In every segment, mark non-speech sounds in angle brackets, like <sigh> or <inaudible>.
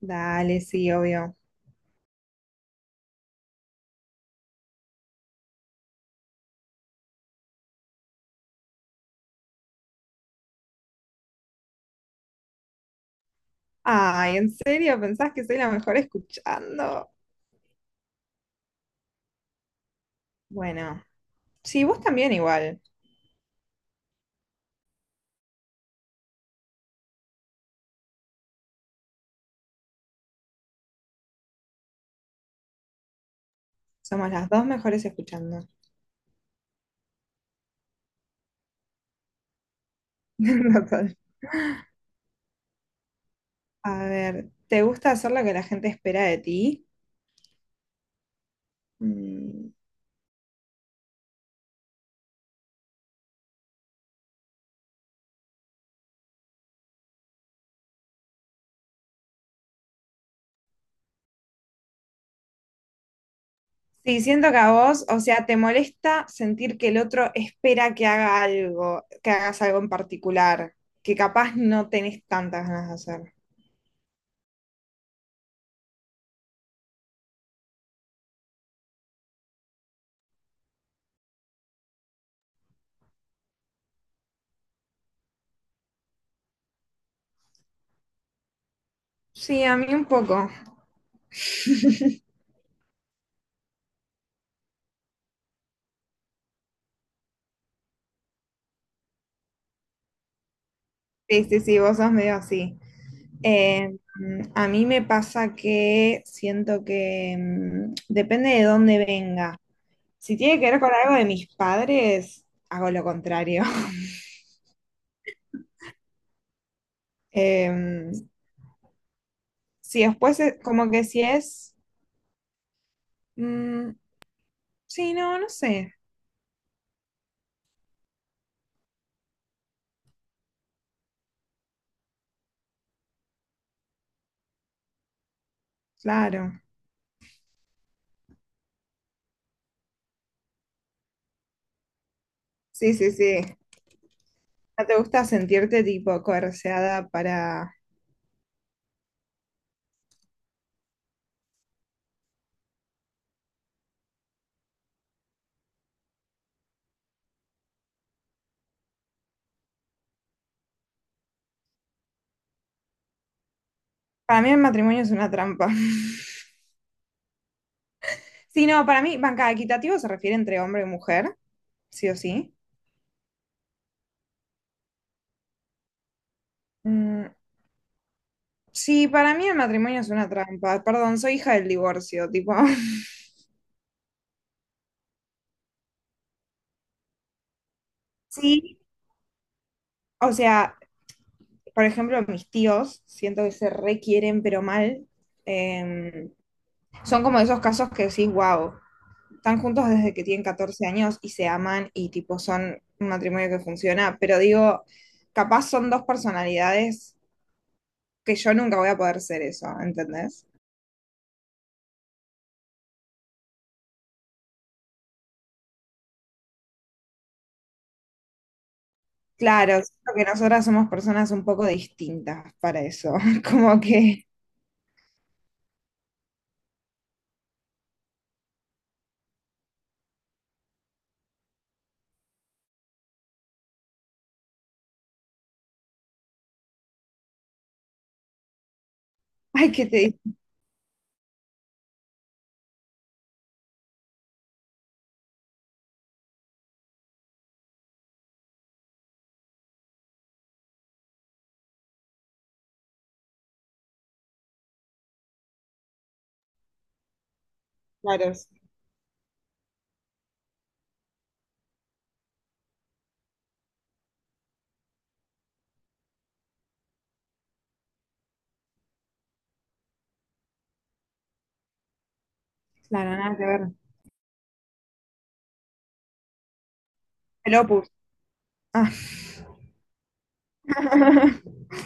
Dale, sí, obvio. Ay, ¿en serio? ¿Pensás que soy la mejor escuchando? Bueno, sí, vos también igual. Somos las dos mejores escuchando. <laughs> Total. A ver, ¿te gusta hacer lo que la gente espera de ti? Sí, siento que a vos, o sea, te molesta sentir que el otro espera que haga algo, que hagas algo en particular, que capaz no tenés tantas ganas de hacer. Sí, a mí un poco. <laughs> Sí, sí, sí, vos sos medio así. Eh, a mí me pasa que siento que depende de dónde venga. Si tiene que ver con algo de mis padres, hago lo contrario. <laughs> Em, si después, como que si es... mm, sí, no, no sé. Claro, sí, sí, sí. ¿No te gusta sentirte tipo coerceada para... Para mí el matrimonio es una trampa. <laughs> Sí, no, para mí, banca, equitativo se refiere entre hombre y mujer, sí o sí. Mm, sí, para mí el matrimonio es una trampa. Perdón, soy hija del divorcio, tipo. <laughs> Sí, o sea, por ejemplo, mis tíos, siento que se requieren, pero mal. Em, Son como esos casos que decís, wow. Están juntos desde que tienen 14 años y se aman, y tipo son un matrimonio que funciona, pero digo, capaz son dos personalidades que yo nunca voy a poder ser eso, ¿entendés? Claro, siento que nosotras somos personas un poco distintas para eso, <laughs> como que hay que te claro, claro, nada que ver. El Opus. Ah. <laughs>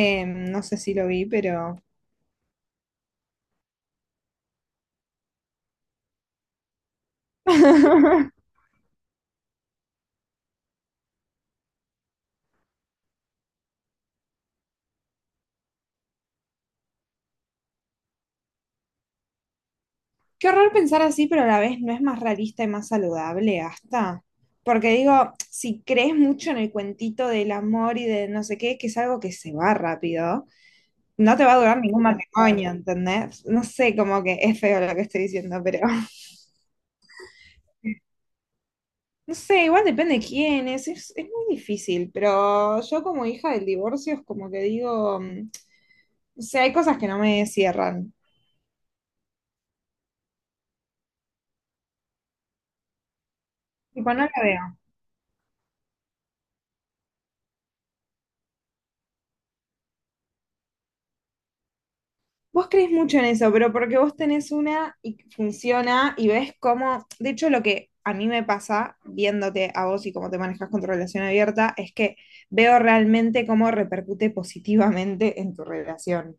No sé si lo vi, pero <laughs> qué horror pensar así, pero a la vez no es más realista y más saludable, hasta. Porque digo, si crees mucho en el cuentito del amor y de no sé qué, que es algo que se va rápido, no te va a durar ningún matrimonio, ¿entendés? No sé, como que es feo lo que estoy diciendo, pero <laughs> no sé, igual depende de quién es muy difícil, pero yo como hija del divorcio es como que digo, o sea, hay cosas que no me cierran, tipo, no la veo. Vos crees mucho en eso, pero porque vos tenés una y funciona y ves cómo, de hecho lo que a mí me pasa viéndote a vos y cómo te manejas con tu relación abierta es que veo realmente cómo repercute positivamente en tu relación.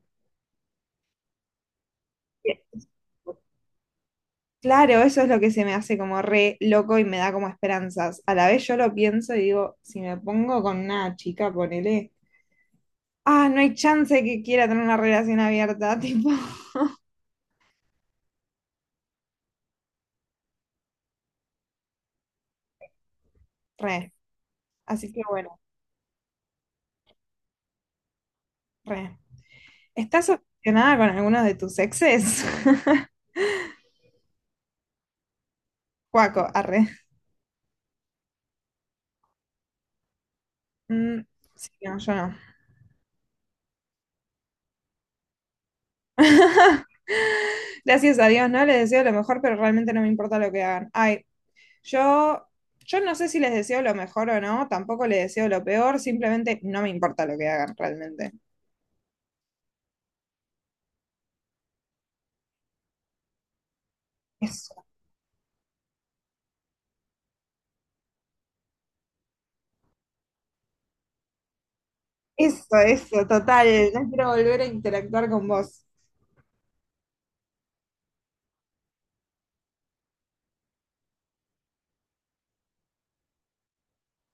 Claro, eso es lo que se me hace como re loco y me da como esperanzas. A la vez yo lo pienso y digo, si me pongo con una chica, ponele, ah, no hay chance que quiera tener una relación abierta, <laughs> tipo, re. Así que bueno, re. ¿Estás obsesionada con alguno de tus exes? <laughs> Cuaco, arre. Mm, sí, no, yo no. Gracias a Dios, no les deseo lo mejor, pero realmente no me importa lo que hagan. Ay, yo, yo no sé si les deseo lo mejor o no, tampoco les deseo lo peor, simplemente no me importa lo que hagan realmente. Eso, eso, total. No quiero volver a interactuar con vos.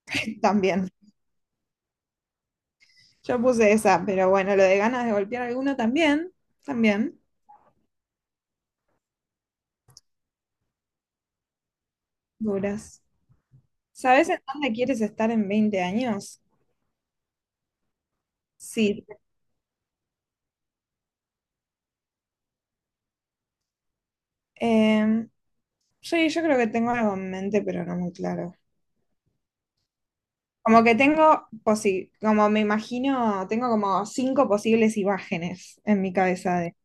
<laughs> También. Yo puse esa, pero bueno, lo de ganas de golpear a alguno también, también. Duras. ¿Sabes en dónde quieres estar en 20 años? Sí, em, sí, yo creo que tengo algo en mente, pero no muy claro. Como que tengo, como me imagino, tengo como cinco posibles imágenes en mi cabeza de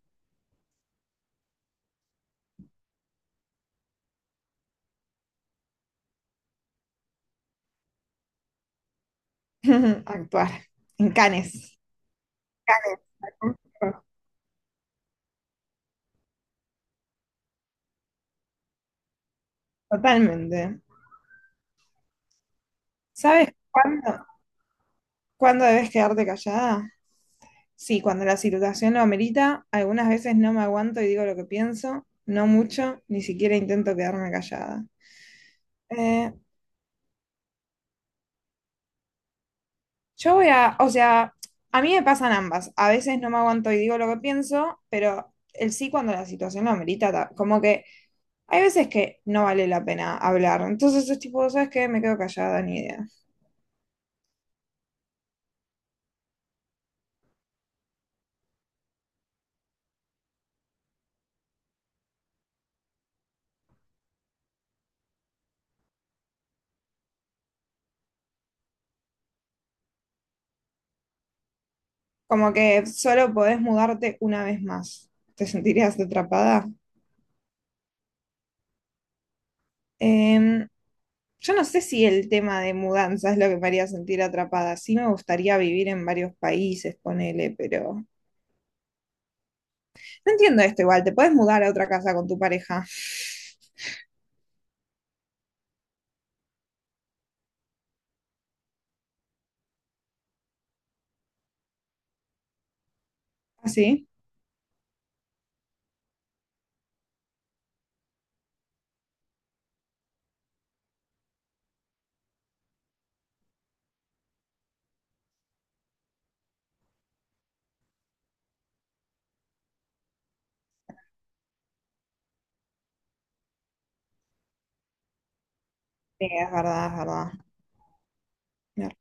<laughs> actuar en Canes. Canes. Totalmente. ¿Sabes cuándo debes quedarte callada? Sí, cuando la situación lo amerita, algunas veces no me aguanto y digo lo que pienso, no mucho, ni siquiera intento quedarme callada. Eh, o sea, a mí me pasan ambas. A veces no me aguanto y digo lo que pienso, pero el sí cuando la situación lo amerita, como que hay veces que no vale la pena hablar. Entonces es tipo, ¿sabes qué? Me quedo callada, ni idea. Como que solo podés mudarte una vez más. ¿Te sentirías atrapada? Em, yo no sé si el tema de mudanza es lo que me haría sentir atrapada. Sí me gustaría vivir en varios países, ponele, pero no entiendo esto igual. Te puedes mudar a otra casa con tu pareja. ¿Así? Sí, sí, es verdad, es verdad. Mer-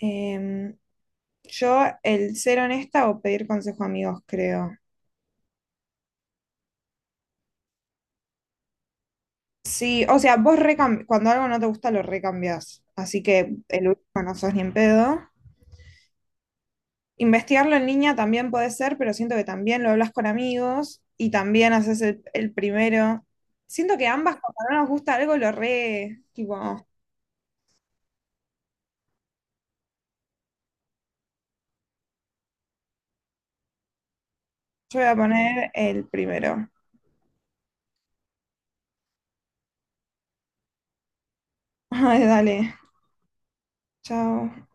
em, yo el ser honesta o pedir consejo a amigos, creo. Sí, o sea, vos cuando algo no te gusta lo recambias. Así que el último no sos ni en pedo. Investigarlo en línea también puede ser, pero siento que también lo hablas con amigos y también haces el primero. Siento que ambas, cuando no nos gusta algo, lo re, tipo, yo voy a poner el primero. <laughs> Ay, dale, chao.